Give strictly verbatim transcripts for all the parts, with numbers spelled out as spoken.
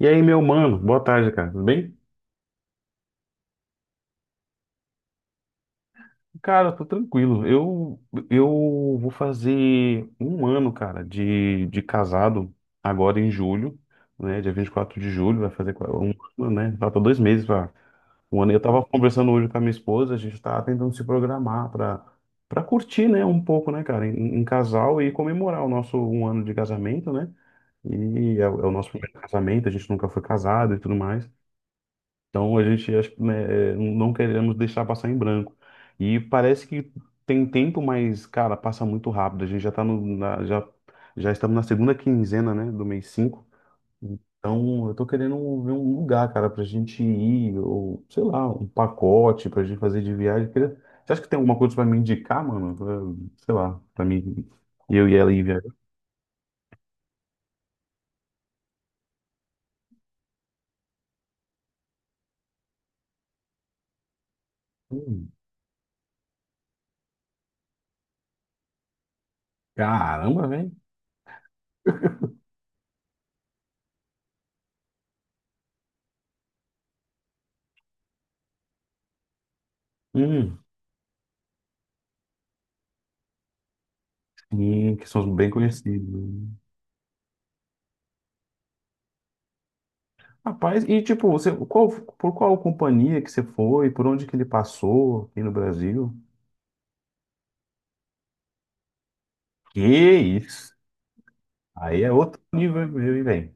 E aí, meu mano, boa tarde, cara. Tudo bem? Cara, eu tô tranquilo. Eu, eu vou fazer um ano, cara, de, de casado agora em julho, né? Dia vinte e quatro de julho, vai fazer um ano, né? Falta dois meses para um ano. Eu tava conversando hoje com a minha esposa, a gente tava tentando se programar para para curtir, né, um pouco, né, cara, em, em casal e comemorar o nosso um ano de casamento, né? E é, o é o nosso primeiro casamento, a gente nunca foi casado e tudo mais. Então a gente acho que, né, é, não queremos deixar passar em branco. E parece que tem tempo, mas, cara, passa muito rápido. A gente já tá no, na- já, já estamos na segunda quinzena, né, do mês cinco. Então eu tô querendo ver um lugar, cara, pra gente ir, ou sei lá, um pacote pra gente fazer de viagem. Queria- Você acha que tem alguma coisa pra me indicar, mano? Pra- sei lá, pra mim, eu e ela ir viajar. Hum, caramba, velho. Hum, sim, que são bem conhecidos, né? Rapaz, e tipo, você, qual, por qual companhia que você foi? Por onde que ele passou aqui no Brasil? Que isso? Aí é outro nível, meu, e vem.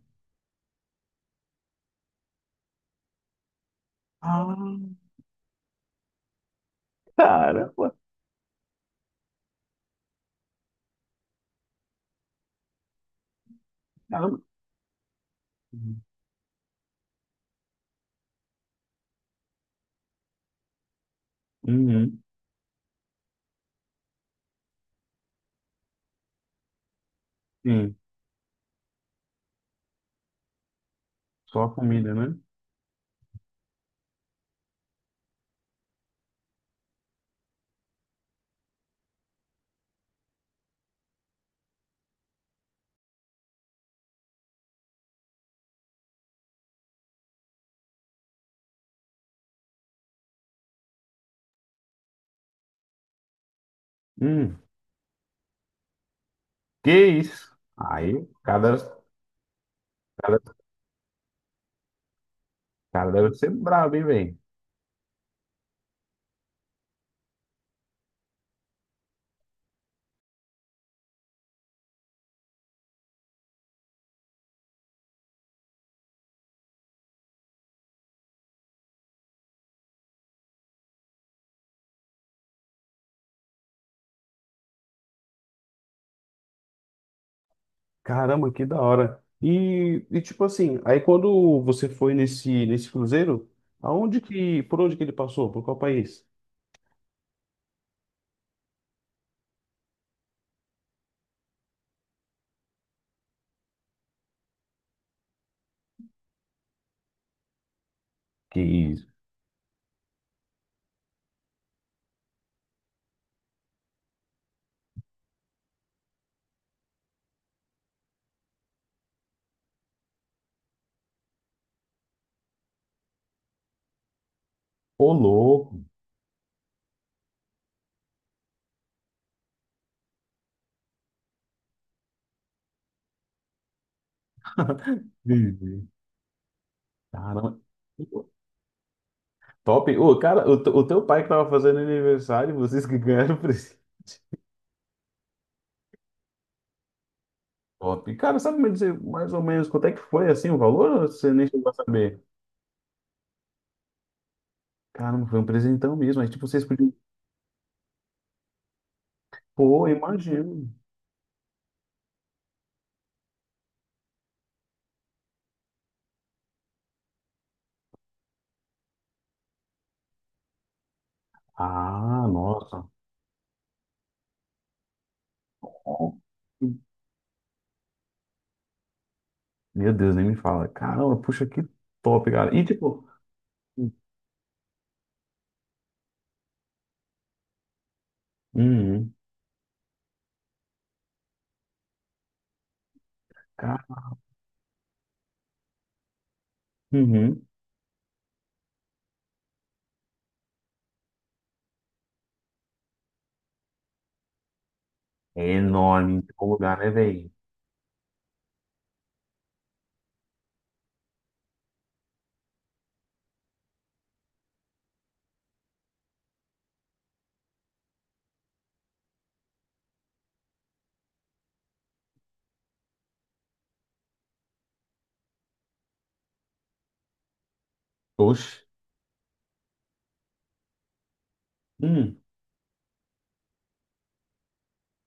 Ah, caramba, caramba. Uhum, sim, só a comida, né? Hum, que isso? Aí, cada cada cara, cara deve ser brabo, hein, velho? Caramba, que da hora. E, e tipo assim, aí quando você foi nesse, nesse cruzeiro, aonde que, por onde que ele passou? Por qual país? Que isso? Ô, louco. Entendi. Caramba. Top. Ô, cara, o, te- o teu pai que tava fazendo aniversário, vocês que ganharam o presente. Top. Cara, sabe me dizer mais ou menos quanto é que foi assim o valor? Ou você nem chegou a saber. Caramba, foi um presentão mesmo. Aí, tipo, vocês podiam. Pô, imagino. Ah, nossa. Meu Deus, nem me fala. Caramba, puxa, que top, cara. E, tipo. Uhum. Cara, uhum. É enorme o lugar, né, velho? Oxe. Hum.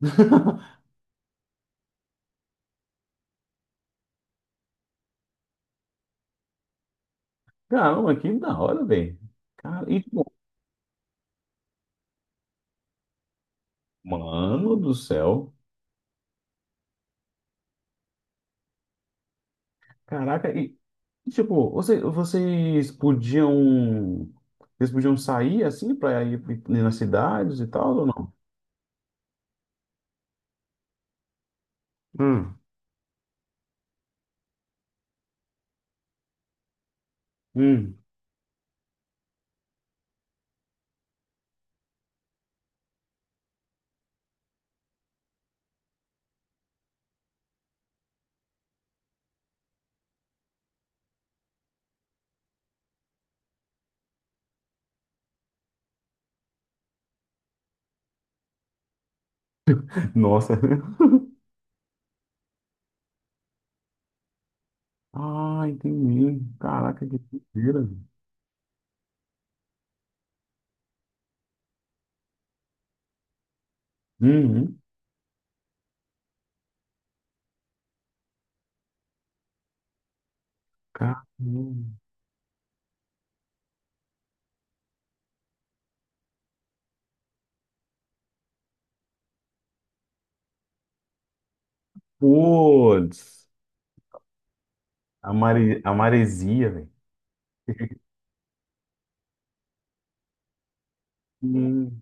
Caramba, que da hora, velho. Cara, e, tipo, mano do céu. Caraca, e, e, tipo, você- vocês podiam. Vocês podiam sair assim pra ir pra- ir nas cidades e tal, ou não? Hum. Hum. Nossa. Ah, entendi. Caraca, que doideira. Uhum. Caramba. Putz. A, mare... a maresia, velho. Hum.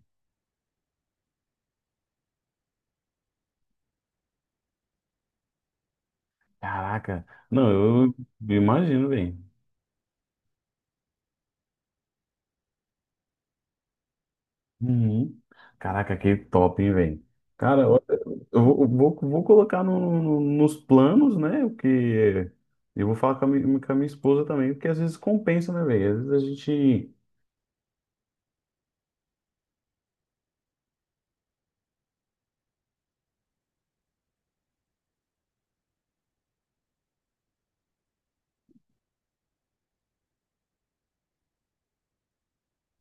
Caraca. Não, eu imagino, velho. Uhum. Caraca, que top, hein, velho? Cara, eu eu vou, eu vou vou colocar no- no- nos planos, né? O que eu vou falar com a, mi- com a minha esposa também, porque às vezes compensa, né, velho? Às vezes a gente.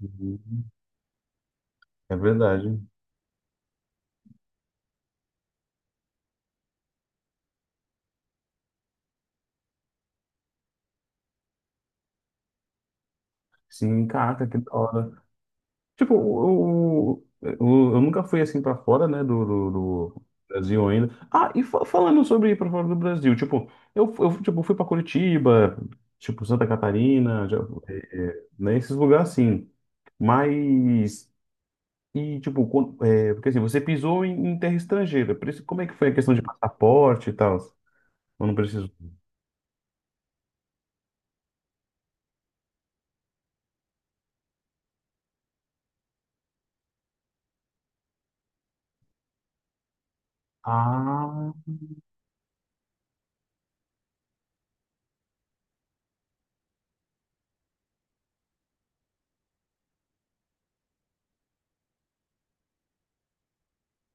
Uhum. É verdade. Sim, caraca, que da hora. Tipo, o, o- eu nunca fui assim pra fora, né, do, do, do Brasil ainda. Ah, e fa- falando sobre ir pra fora do Brasil, tipo, eu, eu tipo, fui pra Curitiba, tipo, Santa Catarina, já, é, é, né, esses lugares assim. Mas, e tipo, quando- é, porque assim, você pisou em, em terra estrangeira, por isso, como é que foi a questão de passaporte e tal? Eu não preciso. Ah,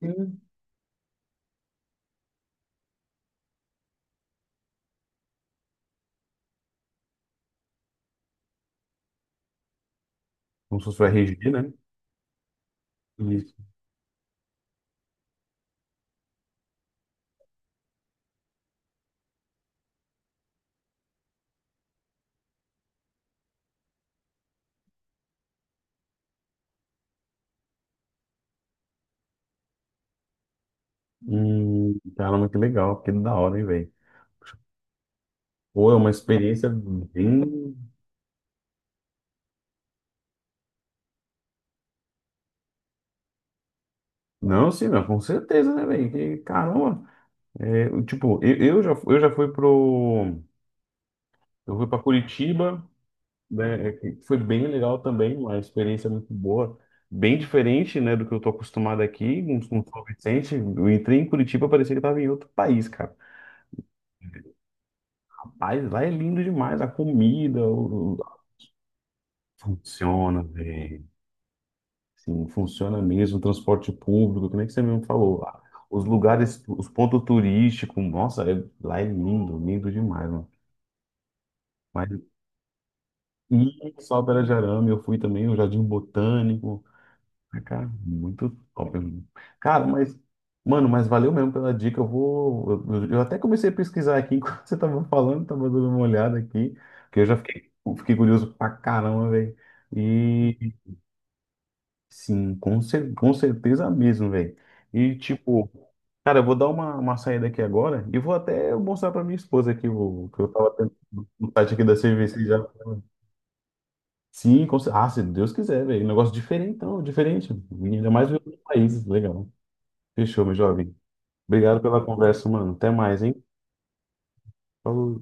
sim. Como se fosse o R G, né? Isso. Hum, caramba, que legal, que da hora, hein, velho. Pô, é uma experiência bem. Não, sim, não, com certeza, né, velho? Que caramba! É, tipo, eu, eu já, eu já fui pro. Eu fui pra Curitiba, né? É que foi bem legal também, uma experiência muito boa. Bem diferente, né, do que eu tô acostumado aqui, com com São Vicente. Eu entrei em Curitiba, parecia que eu tava em outro país, cara. Mas lá é lindo demais, a comida, o- o- funciona, velho. Sim, funciona mesmo, transporte público, que nem que você mesmo falou. Ah, os lugares, os pontos turísticos, nossa, é- lá é lindo, lindo demais, mano. Mas e Sóbera de Arame, eu fui também, o Jardim Botânico. Ah, cara, muito top, mano. Cara, mas, mano, mas valeu mesmo pela dica. Eu vou. Eu, eu até comecei a pesquisar aqui enquanto você tava falando, tava dando uma olhada aqui, que eu já fiquei, fiquei curioso pra caramba, velho. Sim, com, cer com certeza mesmo, velho. E tipo, cara, eu vou dar uma, uma saída aqui agora e vou até mostrar pra minha esposa aqui o que eu tava tendo no site aqui da C V C já. Sim, com, cer- ah, se Deus quiser, velho. Um negócio diferentão, diferente. Ainda mais em outros países, legal. Fechou, meu jovem. Obrigado pela conversa, mano. Até mais, hein? Falou.